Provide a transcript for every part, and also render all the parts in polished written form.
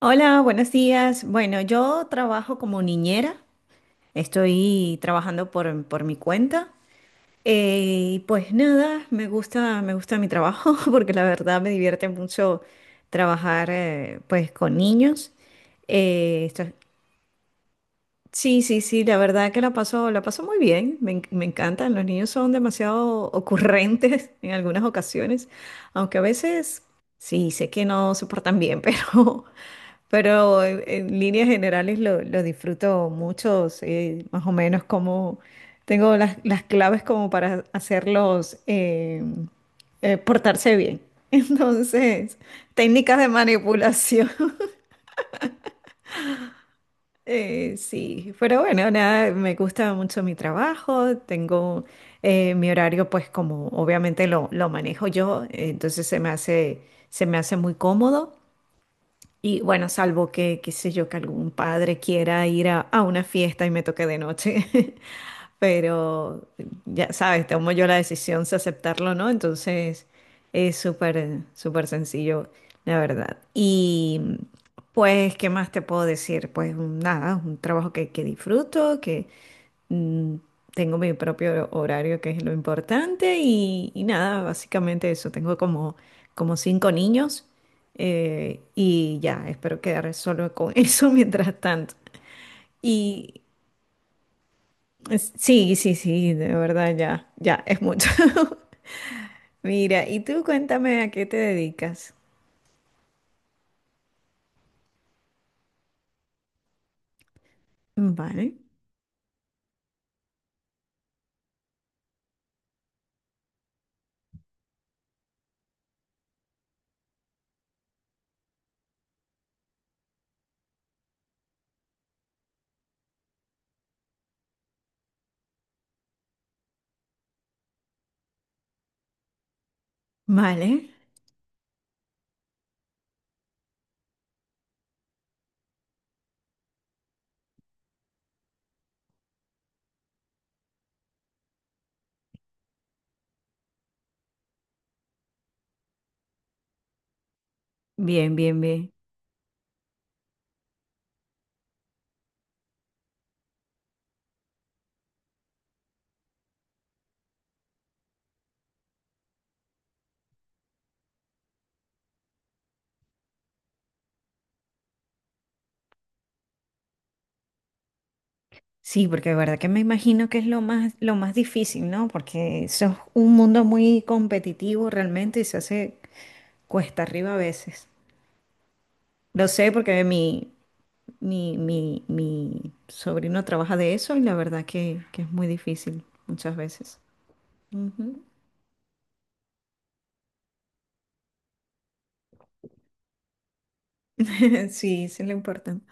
Hola, buenos días. Bueno, yo trabajo como niñera, estoy trabajando por mi cuenta. Y pues nada, me gusta mi trabajo porque la verdad me divierte mucho trabajar pues con niños. Eh, esto- sí, sí, sí, la verdad que la paso muy bien, me encantan, los niños son demasiado ocurrentes en algunas ocasiones, aunque a veces sí, sé que no se portan bien, pero... Pero en líneas generales lo disfruto mucho, sé más o menos como tengo las claves como para hacerlos portarse bien. Entonces, técnicas de manipulación. Sí, pero bueno, nada, me gusta mucho mi trabajo, tengo mi horario pues como obviamente lo manejo yo, se me hace muy cómodo. Y bueno, salvo que, qué sé yo, que algún padre quiera ir a una fiesta y me toque de noche. Pero ya sabes, tomo yo la decisión si aceptarlo o no. Entonces es súper sencillo, la verdad. Y pues, ¿qué más te puedo decir? Pues nada, un trabajo que disfruto, que mm, tengo mi propio horario, que es lo importante, y nada, básicamente eso. Tengo como cinco niños y ya, espero quedar solo con eso mientras tanto. Y sí, sí, sí, de verdad, ya, ya, es mucho. Mira, y tú cuéntame a qué te dedicas. Vale, vale, bien. Sí, porque de verdad que me imagino que es lo más difícil, ¿no? Porque eso es un mundo muy competitivo realmente y se hace cuesta arriba a veces. Lo sé porque mi sobrino trabaja de eso y la verdad que es muy difícil muchas veces. Ujú. Sí, sí es lo importante.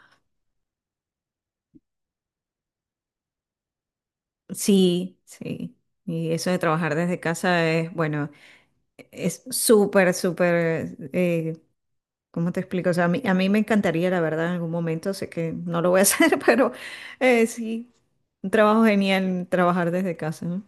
Sí, sí. Y eso de trabajar desde casa es, bueno, es súper ¿cómo te explico? O sea, a mí me encantaría, la verdad, en algún momento, sé que no lo voy a hacer, pero sí, un trabajo genial trabajar desde casa, ¿no?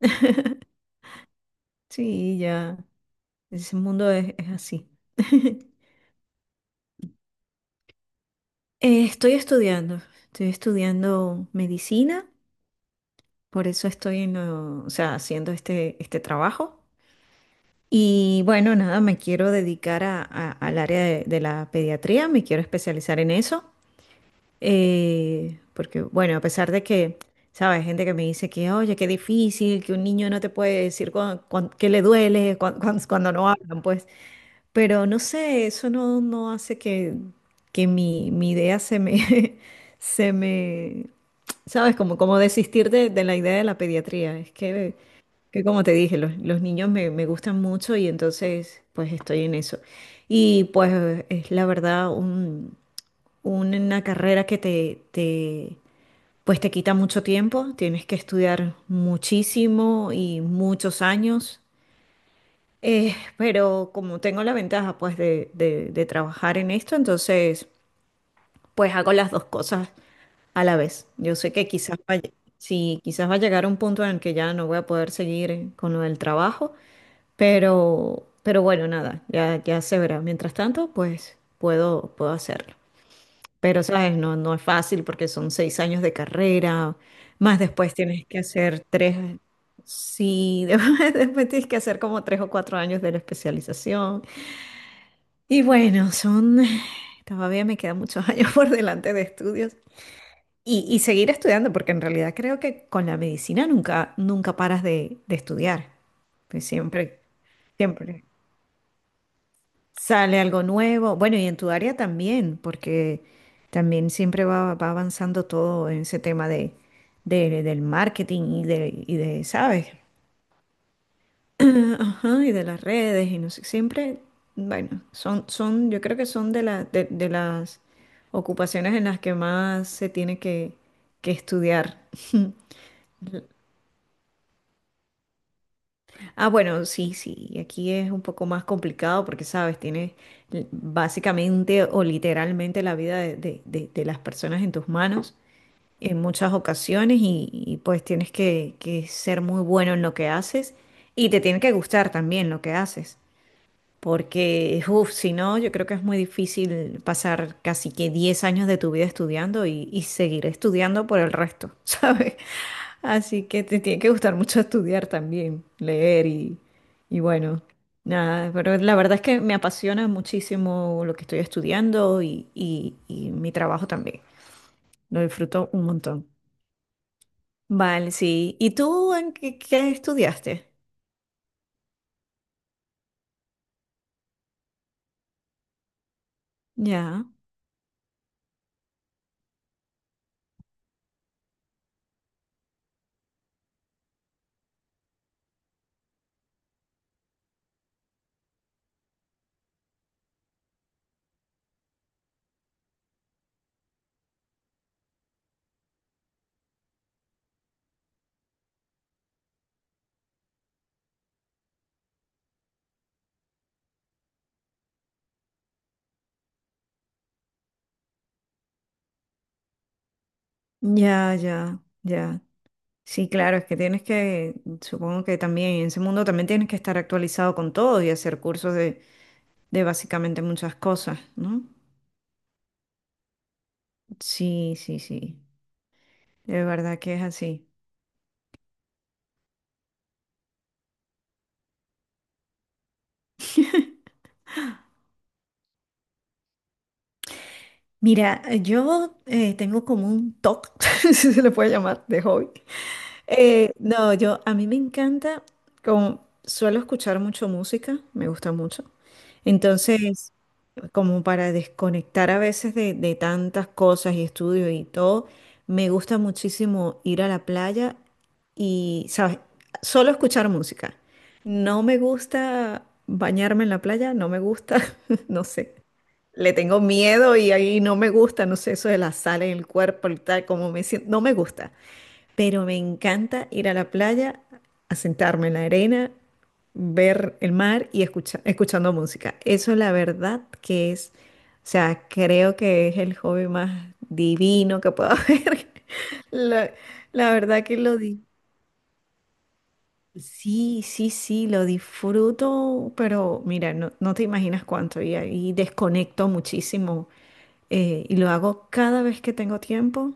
Sí, ya, ese mundo es así. Estoy estudiando medicina, por eso estoy o sea, haciendo este trabajo. Y bueno, nada, me quiero dedicar al área de la pediatría, me quiero especializar en eso. Porque, bueno, a pesar de que, ¿sabes? Gente que me dice que, oye, qué difícil, que un niño no te puede decir que le duele cuando, no hablan, pues. Pero no sé, eso no, no hace que mi idea se me, se me, ¿sabes? Como, como desistir de la idea de la pediatría. Es que como te dije, los niños me, me gustan mucho y entonces, pues estoy en eso. Y pues es la verdad una carrera que pues te quita mucho tiempo, tienes que estudiar muchísimo y muchos años, pero como tengo la ventaja pues de trabajar en esto, entonces pues hago las dos cosas a la vez. Yo sé que quizás vaya, sí, quizás va a llegar un punto en el que ya no voy a poder seguir con lo del trabajo, pero bueno, nada, ya, ya se verá. Mientras tanto, puedo hacerlo. Pero, ¿sabes? No, no es fácil porque son 6 años de carrera, más después tienes que hacer tres, sí, después tienes que hacer como tres o cuatro años de la especialización. Y bueno, son, todavía me quedan muchos años por delante de estudios. Y seguir estudiando, porque en realidad creo que con la medicina nunca, nunca paras de estudiar. Pues siempre, siempre. Sale algo nuevo. Bueno, y en tu área también, porque también siempre va, va avanzando todo en ese tema del marketing y de, ¿sabes? Ajá, y de las redes y no sé, siempre, bueno, yo creo que son de, de las ocupaciones en las que más se tiene que estudiar. Ah, bueno, sí, sí, aquí es un poco más complicado porque, sabes, tienes básicamente o literalmente la vida de, de las personas en tus manos en muchas ocasiones y, pues tienes que ser muy bueno en lo que haces y te tiene que gustar también lo que haces. Porque, uff, si no, yo creo que es muy difícil pasar casi que 10 años de tu vida estudiando y seguir estudiando por el resto, ¿sabes? Así que te tiene que gustar mucho estudiar también, leer y bueno, nada, pero la verdad es que me apasiona muchísimo lo que estoy estudiando y mi trabajo también. Lo disfruto un montón. Vale, sí. ¿Y tú en qué, qué estudiaste? Ya, ya, ya, ya. Sí, claro, es que tienes que, supongo que también en ese mundo también tienes que estar actualizado con todo y hacer cursos de básicamente muchas cosas, ¿no? Sí, sí, sí, de verdad que es así. Mira, yo tengo como un TOC, si se le puede llamar, de hobby. No, a mí me encanta, como suelo escuchar mucho música, me gusta mucho. Entonces, como para desconectar a veces de tantas cosas y estudios y todo, me gusta muchísimo ir a la playa y, ¿sabes? Solo escuchar música. No me gusta bañarme en la playa, no me gusta, no sé. Le tengo miedo y ahí no me gusta, no sé, eso de la sal en el cuerpo y tal, como me siento, no me gusta, pero me encanta ir a la playa, a sentarme en la arena, ver el mar y escuchando música. Eso la verdad que es, o sea, creo que es el hobby más divino que puedo haber. La, la verdad que lo, di- Sí, sí, sí, lo disfruto, pero mira, no te imaginas cuánto y ahí desconecto muchísimo y lo hago cada vez que tengo tiempo,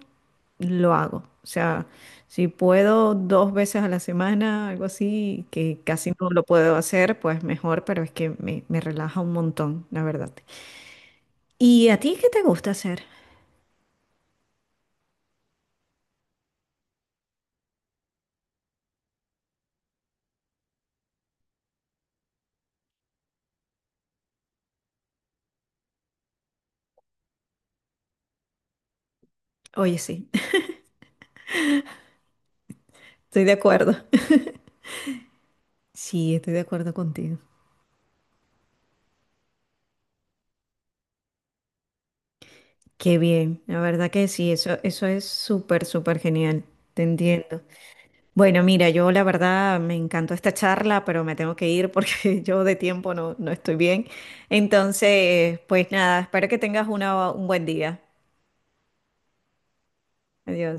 lo hago. O sea, si puedo dos veces a la semana, algo así, que casi no lo puedo hacer, pues mejor, pero es que me relaja un montón, la verdad. ¿Y a ti qué te gusta hacer? Oye, sí, estoy de acuerdo. Sí, estoy de acuerdo contigo. Qué bien, la verdad que sí, eso es súper genial, te entiendo. Bueno, mira, yo la verdad me encantó esta charla, pero me tengo que ir porque yo de tiempo no estoy bien. Entonces, pues nada, espero que tengas un buen día. Adiós.